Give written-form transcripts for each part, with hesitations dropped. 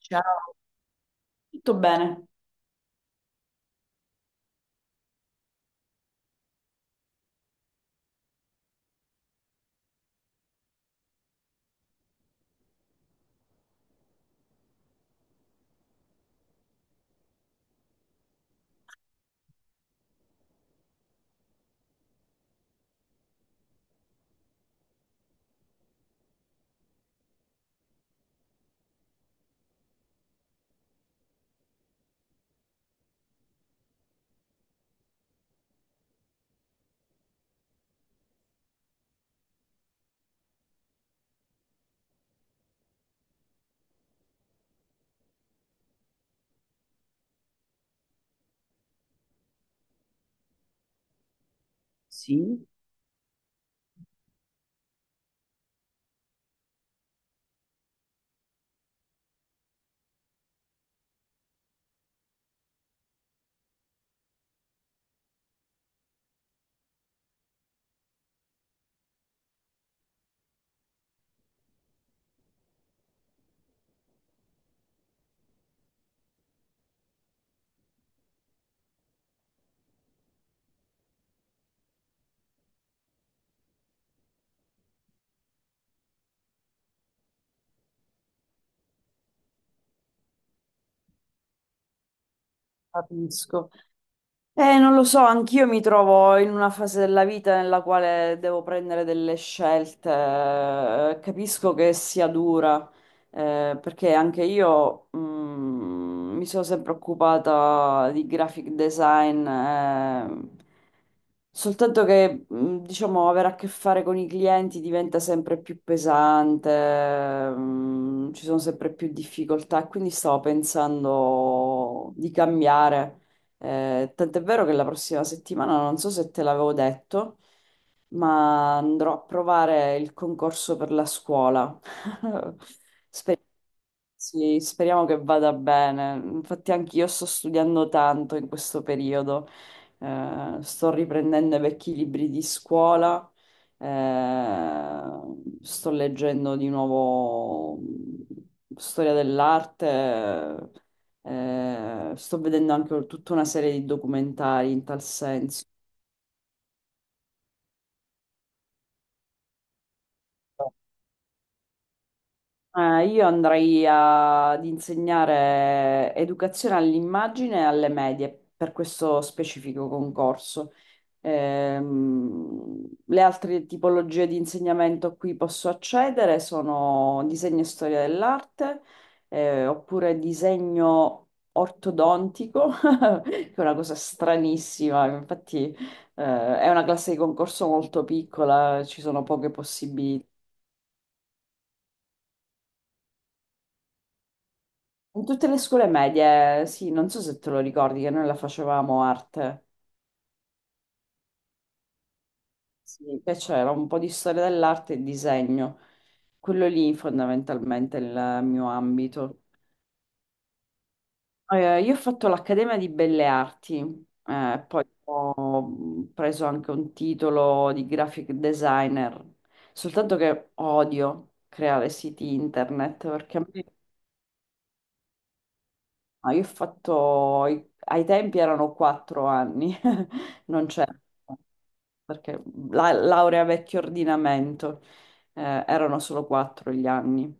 Ciao. Tutto bene, sì, capisco. Non lo so, anch'io mi trovo in una fase della vita nella quale devo prendere delle scelte. Capisco che sia dura, perché anche io, mi sono sempre occupata di graphic design, soltanto che, diciamo, avere a che fare con i clienti diventa sempre più pesante. Ci sono sempre più difficoltà, e quindi stavo pensando di cambiare. Tant'è vero che la prossima settimana, non so se te l'avevo detto, ma andrò a provare il concorso per la scuola. Sì, speriamo che vada bene. Infatti anch'io sto studiando tanto in questo periodo. Sto riprendendo i vecchi libri di scuola, eh, sto leggendo di nuovo storia dell'arte, sto vedendo anche tutta una serie di documentari in tal senso. Io andrei ad insegnare educazione all'immagine alle medie per questo specifico concorso. Le altre tipologie di insegnamento a cui posso accedere sono disegno e storia dell'arte, oppure disegno ortodontico, che è una cosa stranissima. Infatti, è una classe di concorso molto piccola, ci sono poche possibilità. In tutte le scuole medie, sì, non so se te lo ricordi che noi la facevamo arte, sì, che c'era un po' di storia dell'arte e disegno, quello lì fondamentalmente è il mio ambito. Io ho fatto l'Accademia di Belle Arti, poi ho preso anche un titolo di graphic designer, soltanto che odio creare siti internet perché a me. Ah, io ho fatto, ai tempi erano 4 anni, non c'è, perché la laurea vecchio ordinamento, erano solo 4 gli anni.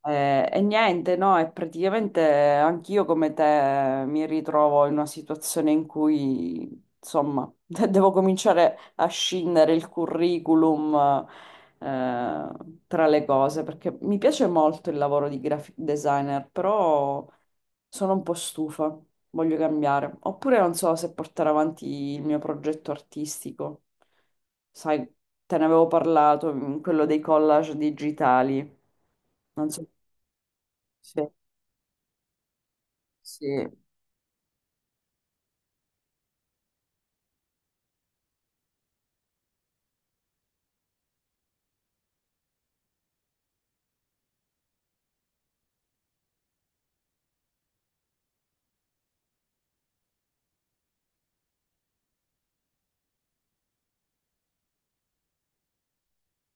E niente, no, e praticamente anch'io come te mi ritrovo in una situazione in cui, insomma, devo cominciare a scindere il curriculum, eh, tra le cose, perché mi piace molto il lavoro di graphic designer, però sono un po' stufa, voglio cambiare. Oppure non so se portare avanti il mio progetto artistico. Sai, te ne avevo parlato, quello dei collage digitali. Non so. Sì, sì.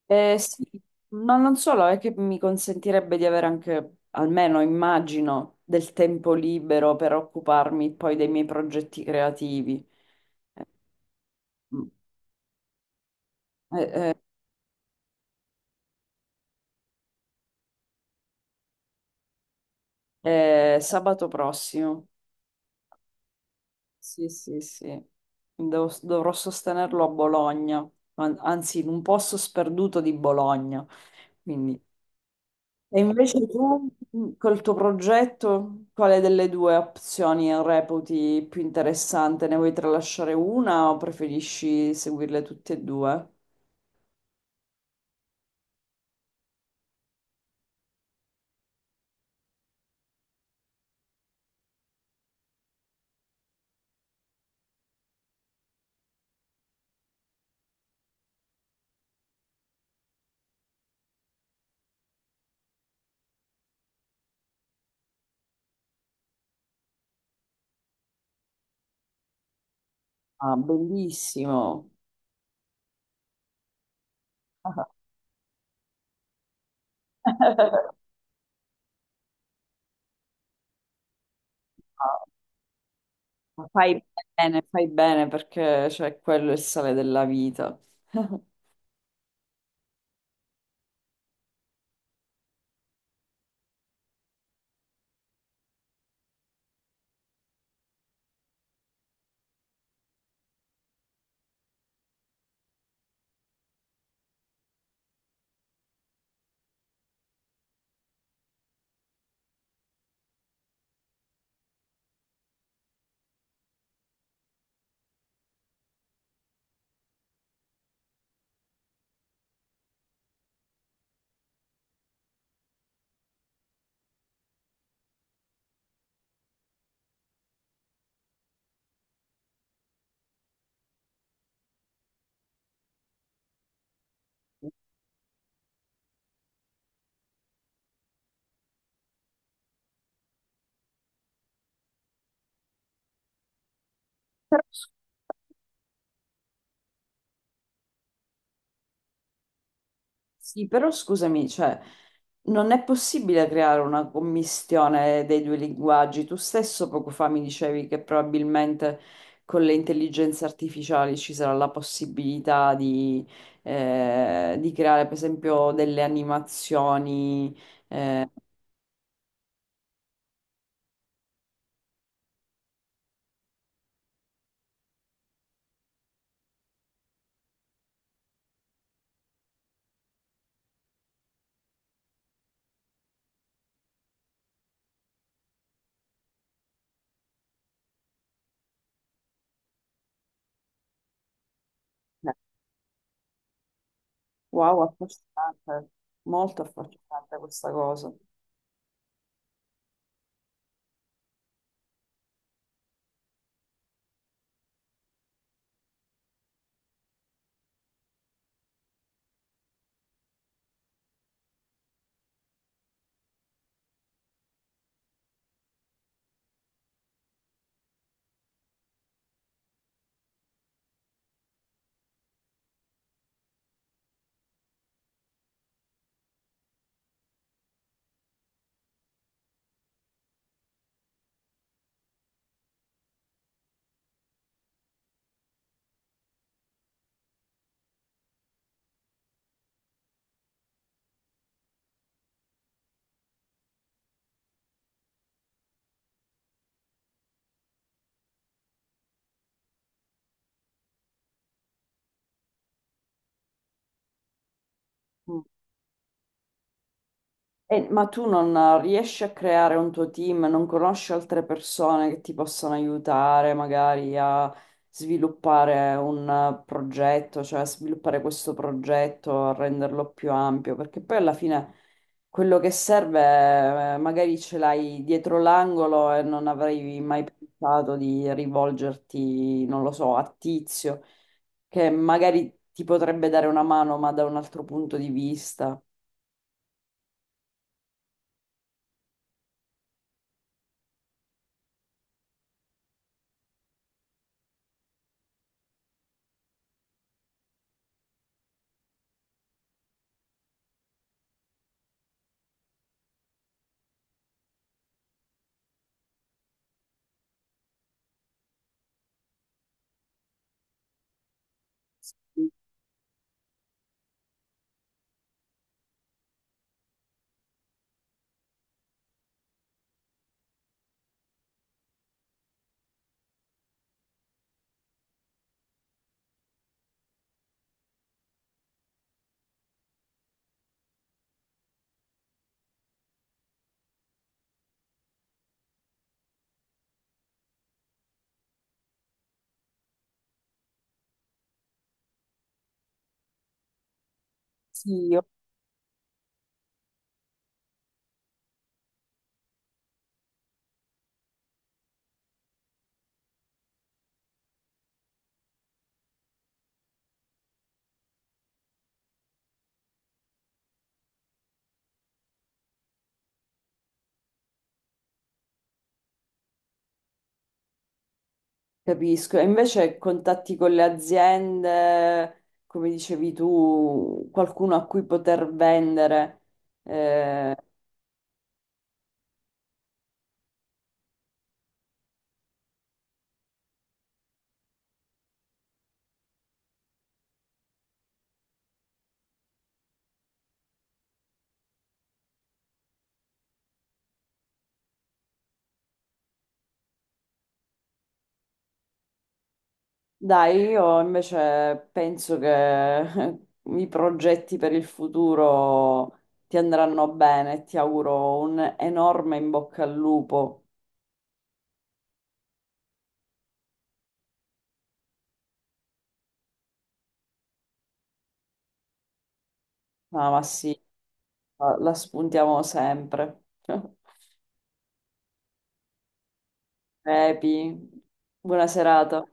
Sì, ma non solo, è che mi consentirebbe di avere anche, almeno immagino, del tempo libero per occuparmi poi dei miei progetti creativi. Eh, mm, eh, sabato prossimo, sì, sì, sì. Dovrò sostenerlo a Bologna, anzi in un posto sperduto di Bologna, quindi. E invece tu, col tuo progetto, quale delle due opzioni reputi più interessante? Ne vuoi tralasciare una o preferisci seguirle tutte e due? Ah, bellissimo. Ah, fai bene, fai bene perché cioè, quello è il sale della vita. Però, sì, però scusami, cioè, non è possibile creare una commistione dei due linguaggi. Tu stesso poco fa mi dicevi che probabilmente con le intelligenze artificiali ci sarà la possibilità di creare, per esempio, delle animazioni. eh. Cioè, wow, affascinante, molto affascinante questa cosa. Mm. Ma tu non riesci a creare un tuo team, non conosci altre persone che ti possano aiutare magari a sviluppare un progetto, cioè a sviluppare questo progetto, a renderlo più ampio, perché poi alla fine quello che serve magari ce l'hai dietro l'angolo e non avrei mai pensato di rivolgerti, non lo so, a Tizio, che magari ti potrebbe dare una mano, ma da un altro punto di vista. Sì, capisco, e invece contatti con le aziende, come dicevi tu, qualcuno a cui poter vendere. Eh, Dai, io invece penso che i progetti per il futuro ti andranno bene, ti auguro un enorme in bocca al lupo. Ah, ma sì, la spuntiamo sempre. Epi, buona serata.